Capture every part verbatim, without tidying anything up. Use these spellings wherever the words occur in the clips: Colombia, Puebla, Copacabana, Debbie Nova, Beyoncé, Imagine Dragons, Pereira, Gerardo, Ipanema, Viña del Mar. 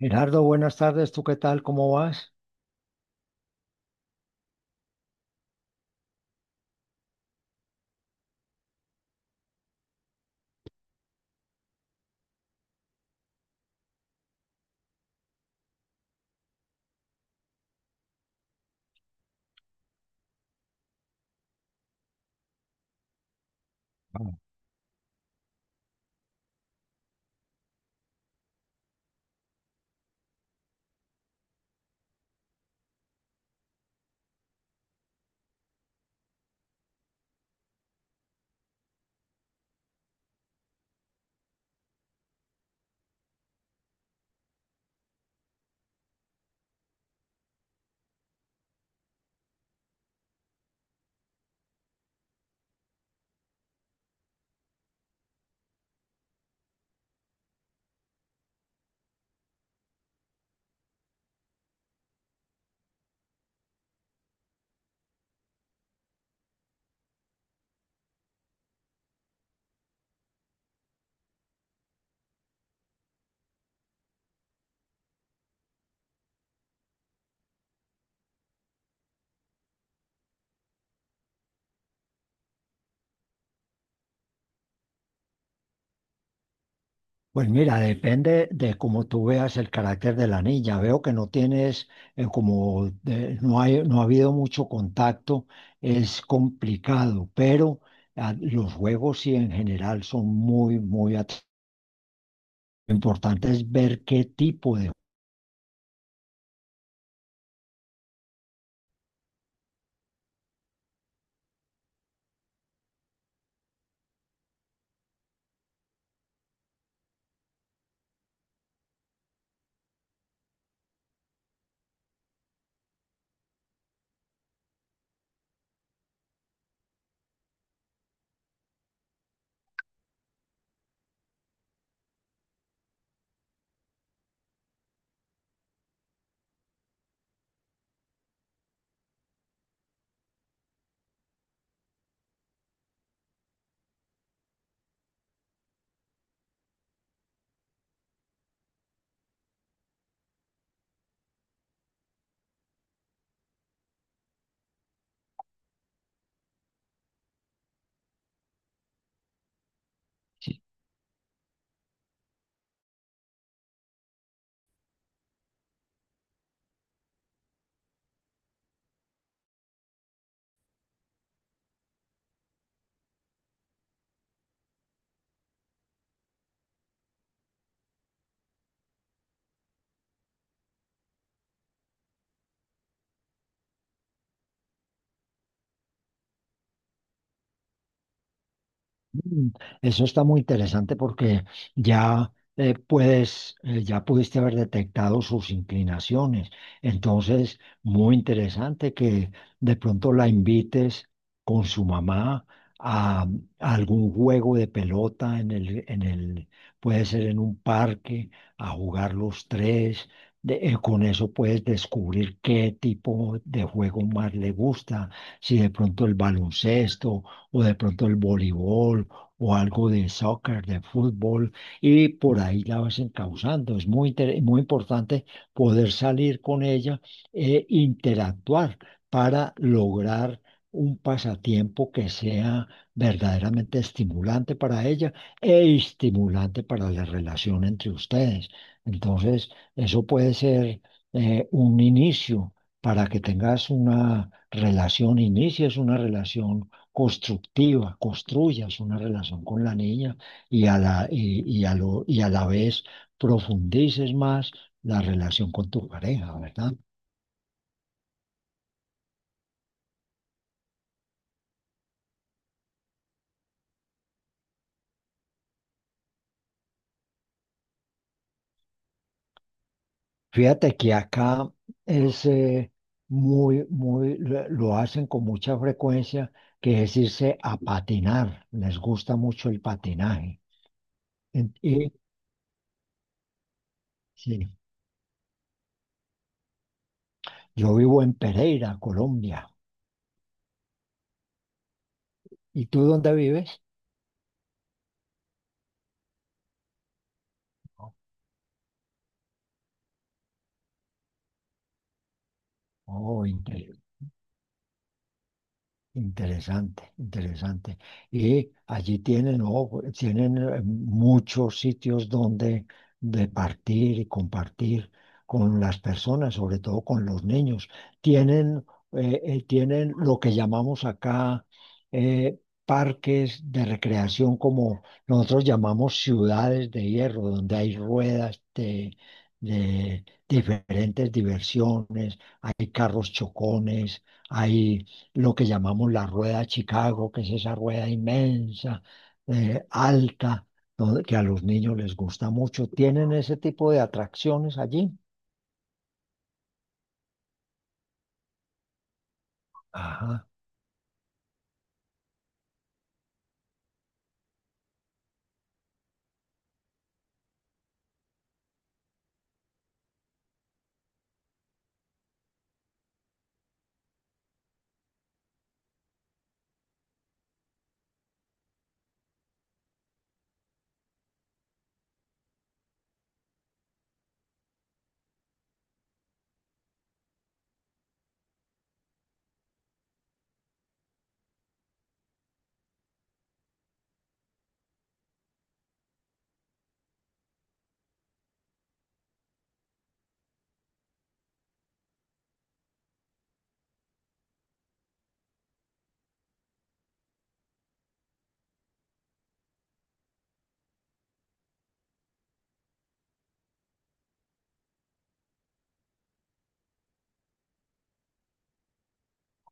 Gerardo, buenas tardes. ¿Tú qué tal? ¿Cómo vas? Ah, Pues mira, depende de cómo tú veas el carácter de la niña. Veo que no tienes, eh, como de- no hay, no ha habido mucho contacto, es complicado, pero ah, los juegos sí en general son muy, muy at- importantes ver qué tipo de juegos. Mm, Eso está muy interesante porque ya eh, puedes, eh, ya pudiste haber detectado sus inclinaciones. Entonces, muy interesante que de pronto la invites con su mamá a, a algún juego de pelota en el, en el, puede ser en un parque, a jugar los tres. De- eh, con eso puedes descubrir qué tipo de juego más le gusta, si de pronto el baloncesto o de pronto el voleibol o algo de soccer, de fútbol, y por ahí la vas encauzando. Es muy, inter- muy importante poder salir con ella e interactuar para lograr un pasatiempo que sea verdaderamente estimulante para ella e estimulante para la relación entre ustedes. Entonces, eso puede ser eh, un inicio para que tengas una relación, inicies una relación constructiva, construyas una relación con la niña y a la, y, y a lo, y a la vez profundices más la relación con tu pareja, ¿verdad? Fíjate que acá es eh, muy, muy, lo lo hacen con mucha frecuencia, que es irse a patinar, les gusta mucho el patinaje. En- Y, sí, yo vivo en Pereira, Colombia. ¿Y tú dónde vives? Oh, interesante. Interesante, interesante. Y allí tienen, ¿no? Tienen eh, muchos sitios donde departir y compartir con las personas, sobre todo con los niños. Tienen, eh, eh, Tienen lo que llamamos acá, eh, parques de recreación, como nosotros llamamos ciudades de hierro, donde hay ruedas de, de diferentes diversiones, hay carros chocones, hay lo que llamamos la Rueda de Chicago, que es esa rueda inmensa, eh, alta, donde- que a los niños les gusta mucho. Tienen ese tipo de atracciones allí. Ajá,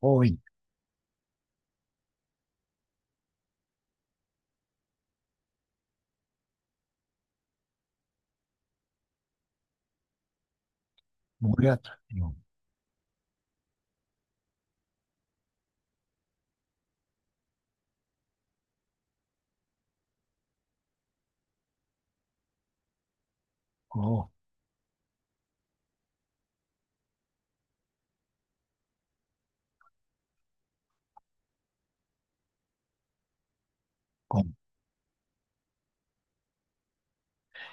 hoy, muy atractivo. Oh,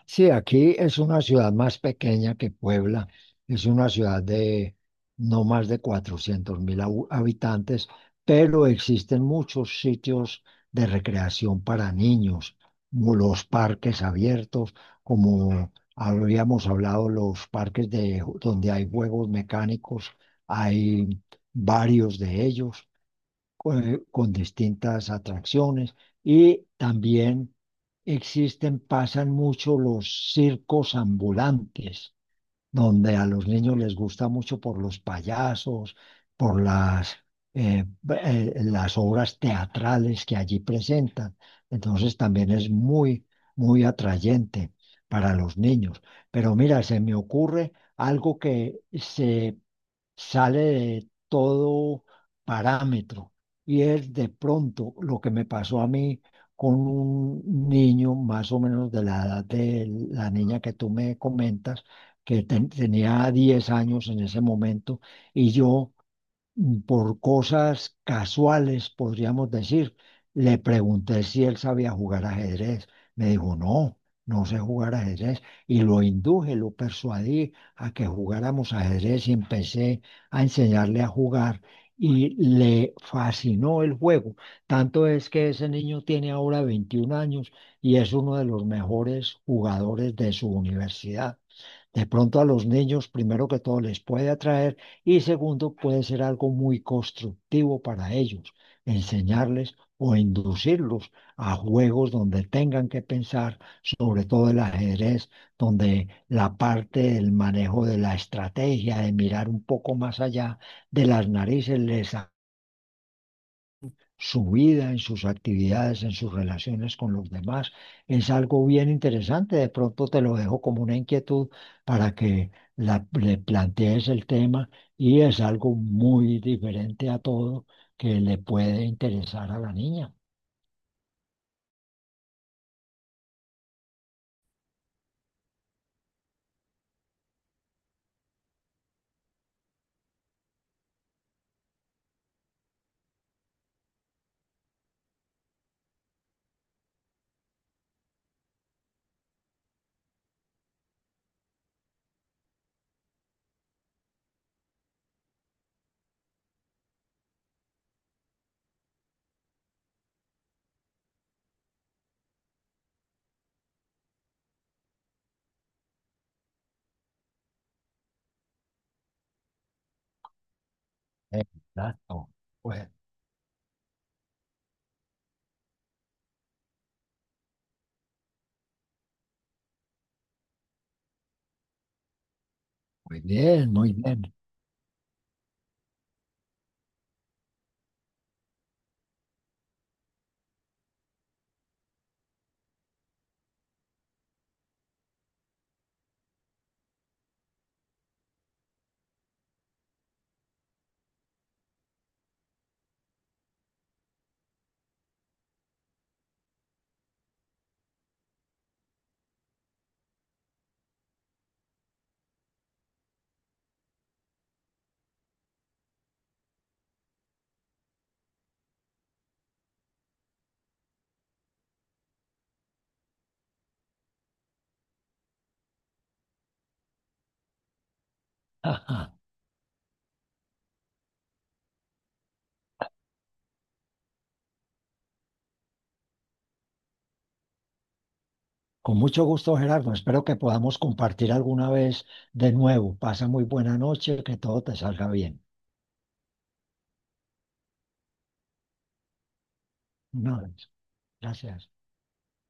sí, aquí es una ciudad más pequeña que Puebla. Es una ciudad de no más de cuatrocientos mil habitantes, pero existen muchos sitios de recreación para niños, como los parques abiertos, como habíamos hablado, los parques de, donde hay juegos mecánicos, hay varios de ellos con, con distintas atracciones y también existen, pasan mucho los circos ambulantes, donde a los niños les gusta mucho por los payasos, por las, eh, eh, las obras teatrales que allí presentan. Entonces también es muy, muy atrayente para los niños. Pero mira, se me ocurre algo que se sale de todo parámetro. Y es de pronto lo que me pasó a mí con un niño más o menos de la edad de la niña que tú me comentas, que ten- tenía diez años en ese momento, y yo mm, por cosas casuales, podríamos decir. Le pregunté si él sabía jugar ajedrez. Me dijo, no, no sé jugar ajedrez. Y lo induje, lo persuadí a que jugáramos ajedrez y empecé a enseñarle a jugar. Y le fascinó el juego. Tanto es que ese niño tiene ahora veintiún años y es uno de los mejores jugadores de su universidad. De pronto a los niños, primero que todo, les puede atraer y segundo, puede ser algo muy constructivo para ellos, enseñarles o inducirlos a juegos donde tengan que pensar, sobre todo el ajedrez, donde la parte del manejo de la estrategia, de mirar un poco más allá de las narices, les su vida, en sus actividades, en sus relaciones con los demás. Es algo bien interesante. De pronto te lo dejo como una inquietud para que la- le plantees el tema y es algo muy diferente a todo que le puede interesar a la niña. Exacto. Pues, muy bien, muy bien. Ajá. Con mucho gusto, Gerardo. Espero que podamos compartir alguna vez de nuevo. Pasa muy buena noche, que todo te salga bien. No, gracias.